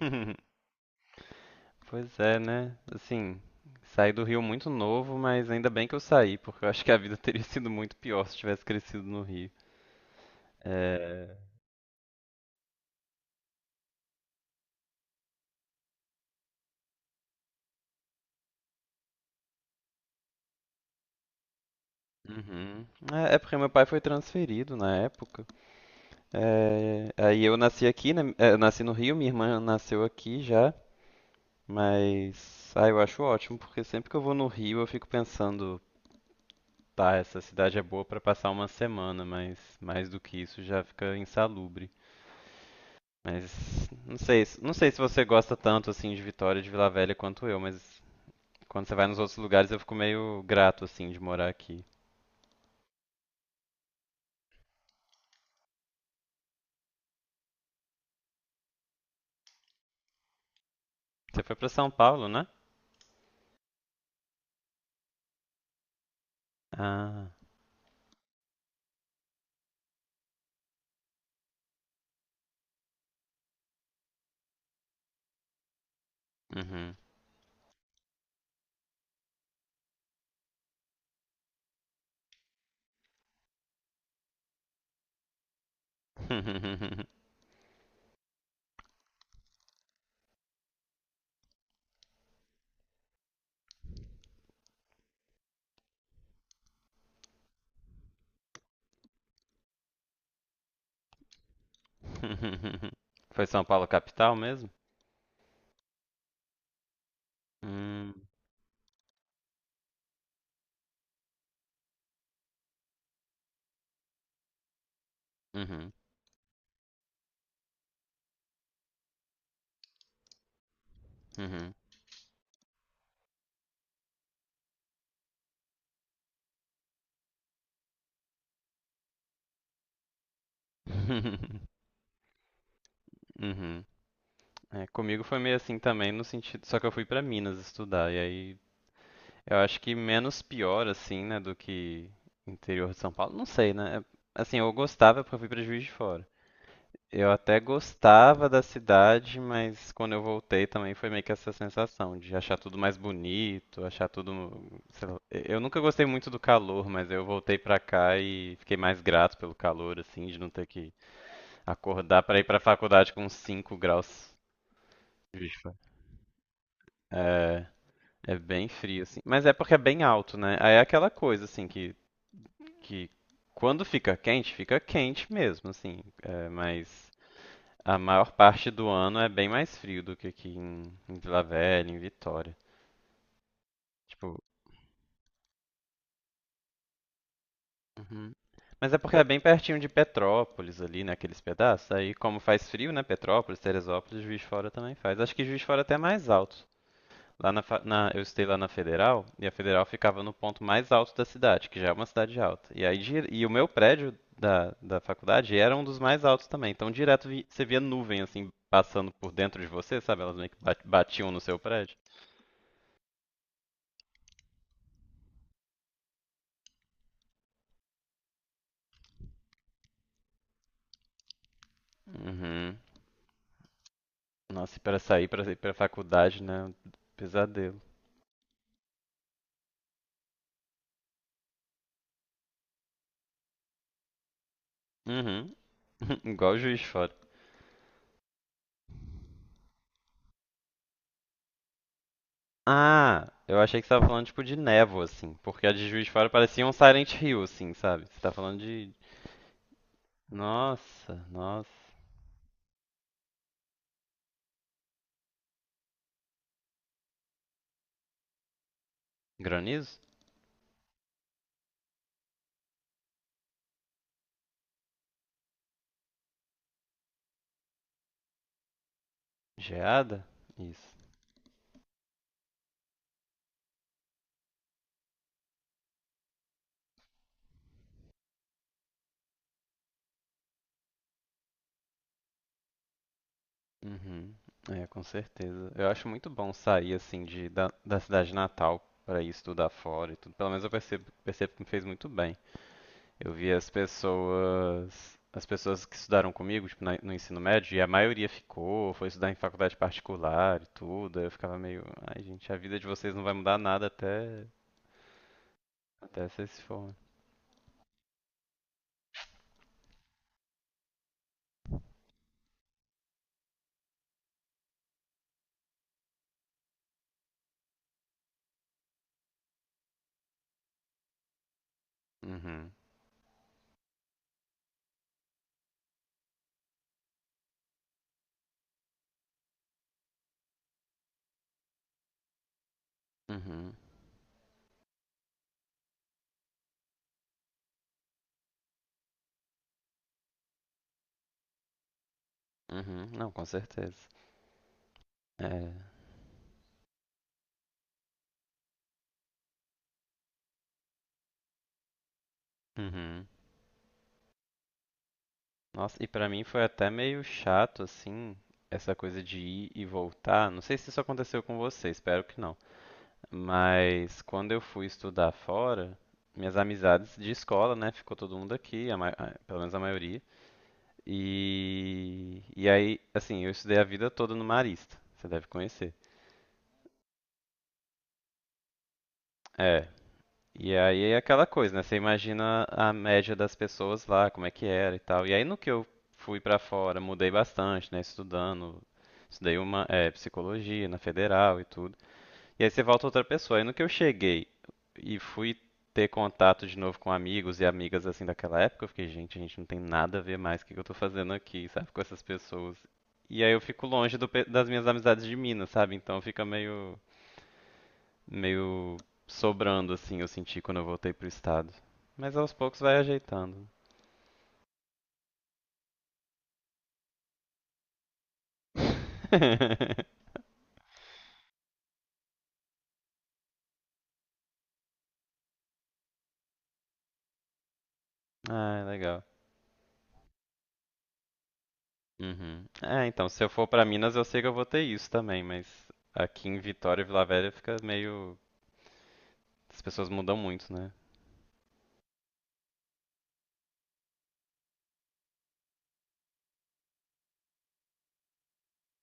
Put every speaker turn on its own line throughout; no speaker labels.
Pois é, né? Assim, saí do Rio muito novo, mas ainda bem que eu saí, porque eu acho que a vida teria sido muito pior se tivesse crescido no Rio. É... Uhum. É porque meu pai foi transferido na época. É, aí eu nasci aqui, né? É, eu nasci no Rio, minha irmã nasceu aqui já, mas eu acho ótimo, porque sempre que eu vou no Rio eu fico pensando, tá, essa cidade é boa pra passar uma semana, mas mais do que isso já fica insalubre. Mas não sei, não sei se você gosta tanto assim de Vitória e de Vila Velha quanto eu, mas quando você vai nos outros lugares eu fico meio grato assim de morar aqui. Você foi pra São Paulo, né? Ah, uhum. Foi São Paulo capital mesmo? Hum, uhum, uhum. Uhum. É, comigo foi meio assim também, no sentido, só que eu fui pra Minas estudar e aí eu acho que menos pior, assim, né, do que interior de São Paulo. Não sei, né? É... Assim, eu gostava porque eu fui pra Juiz de Fora. Eu até gostava da cidade, mas quando eu voltei também foi meio que essa sensação de achar tudo mais bonito, achar tudo, sei lá. Eu nunca gostei muito do calor, mas eu voltei pra cá e fiquei mais grato pelo calor, assim, de não ter que acordar pra ir pra faculdade com 5 graus. Juiz de Fora. É, é bem frio, assim. Mas é porque é bem alto, né? Aí é aquela coisa, assim, que quando fica quente mesmo, assim. É, mas a maior parte do ano é bem mais frio do que aqui em Vila Velha, em Vitória. Tipo, uhum. Mas é porque é bem pertinho de Petrópolis ali, né, aqueles pedaços. Aí como faz frio, né, Petrópolis, Teresópolis, Juiz de Fora também faz. Acho que Juiz de Fora até é mais alto. Lá na, fa- na- Eu estudei lá na Federal, e a Federal ficava no ponto mais alto da cidade, que já é uma cidade alta. E aí e o meu prédio da faculdade era um dos mais altos também. Então direto você via nuvem assim passando por dentro de você, sabe? Elas meio que batiam no seu prédio. Uhum. Nossa, e para sair para ir para faculdade, né? Pesadelo. Uhum. Igual. Ah, eu achei que você tava falando tipo de névoa assim, porque a de Juiz de Fora parecia um Silent Hill assim, sabe? Você tá falando de... Nossa, nossa. Granizo? Geada? Isso. Uhum. É, com certeza. Eu acho muito bom sair assim de da, da cidade natal para ir estudar fora e tudo. Pelo menos eu percebo que me fez muito bem. Eu vi as pessoas que estudaram comigo, tipo, no ensino médio, e a maioria ficou, foi estudar em faculdade particular e tudo. Aí eu ficava meio, ai, gente, a vida de vocês não vai mudar nada até vocês se forem. Uhum. Uhum. Uhum. Não, com certeza. É. Uhum. Nossa, e pra mim foi até meio chato, assim, essa coisa de ir e voltar. Não sei se isso aconteceu com você, espero que não. Mas quando eu fui estudar fora, minhas amizades de escola, né, ficou todo mundo aqui, pelo menos a maioria. E aí, assim, eu estudei a vida toda no Marista, você deve conhecer. É, e aí é aquela coisa, né? Você imagina a média das pessoas lá, como é que era e tal. E aí no que eu fui pra fora, mudei bastante, né? Estudando, estudei uma é, psicologia na federal e tudo. E aí você volta outra pessoa. Aí no que eu cheguei e fui ter contato de novo com amigos e amigas assim daquela época, eu fiquei, gente, a gente não tem nada a ver mais, o que que eu tô fazendo aqui, sabe, com essas pessoas. E aí eu fico longe das minhas amizades de Minas, sabe? Então fica meio sobrando, assim, eu senti quando eu voltei pro estado. Mas aos poucos vai ajeitando. Ah, legal. Uhum. É, então, se eu for pra Minas, eu sei que eu vou ter isso também, mas aqui em Vitória e Vila Velha fica meio... As pessoas mudam muito, né?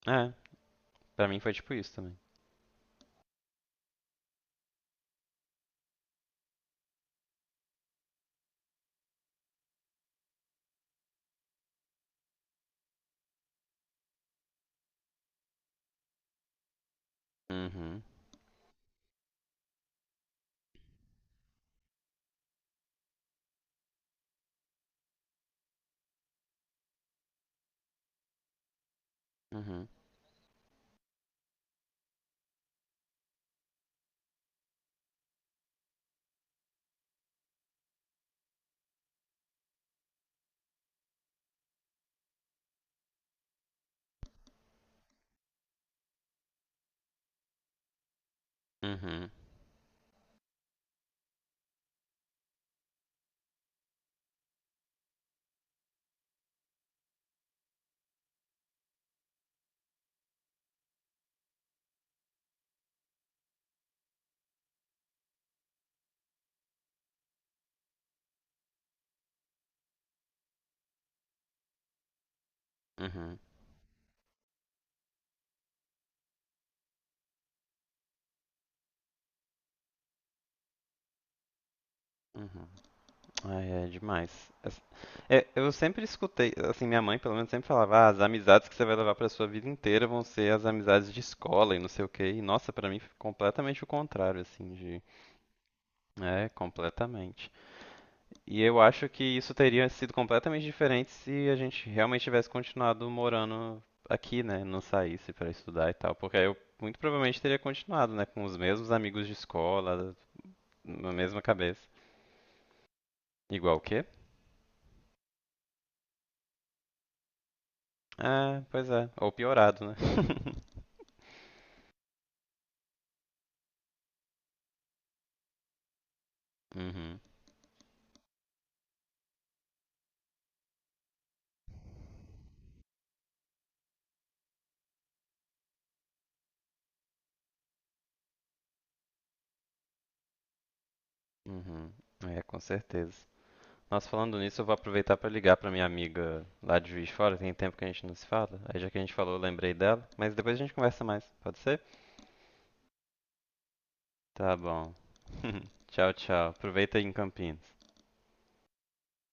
É, pra mim foi tipo isso também. Uhum, uhum, uhum, uhum, uhum. Ai, é demais. As... é, eu sempre escutei, assim, minha mãe pelo menos sempre falava, ah, as amizades que você vai levar pra sua vida inteira vão ser as amizades de escola e não sei o quê. E nossa, pra mim foi completamente o contrário, assim, de, é, completamente. E eu acho que isso teria sido completamente diferente se a gente realmente tivesse continuado morando aqui, né, não saísse pra estudar e tal, porque aí eu muito provavelmente teria continuado, né, com os mesmos amigos de escola, na mesma cabeça. Igual o quê? É, pois é. Ou piorado, né? Uhum, uhum. É, com certeza. Nossa, falando nisso, eu vou aproveitar pra ligar pra minha amiga lá de Juiz de Fora. Tem tempo que a gente não se fala. Aí já que a gente falou, eu lembrei dela. Mas depois a gente conversa mais, pode ser? Tá bom. Tchau, tchau. Aproveita aí em Campinas.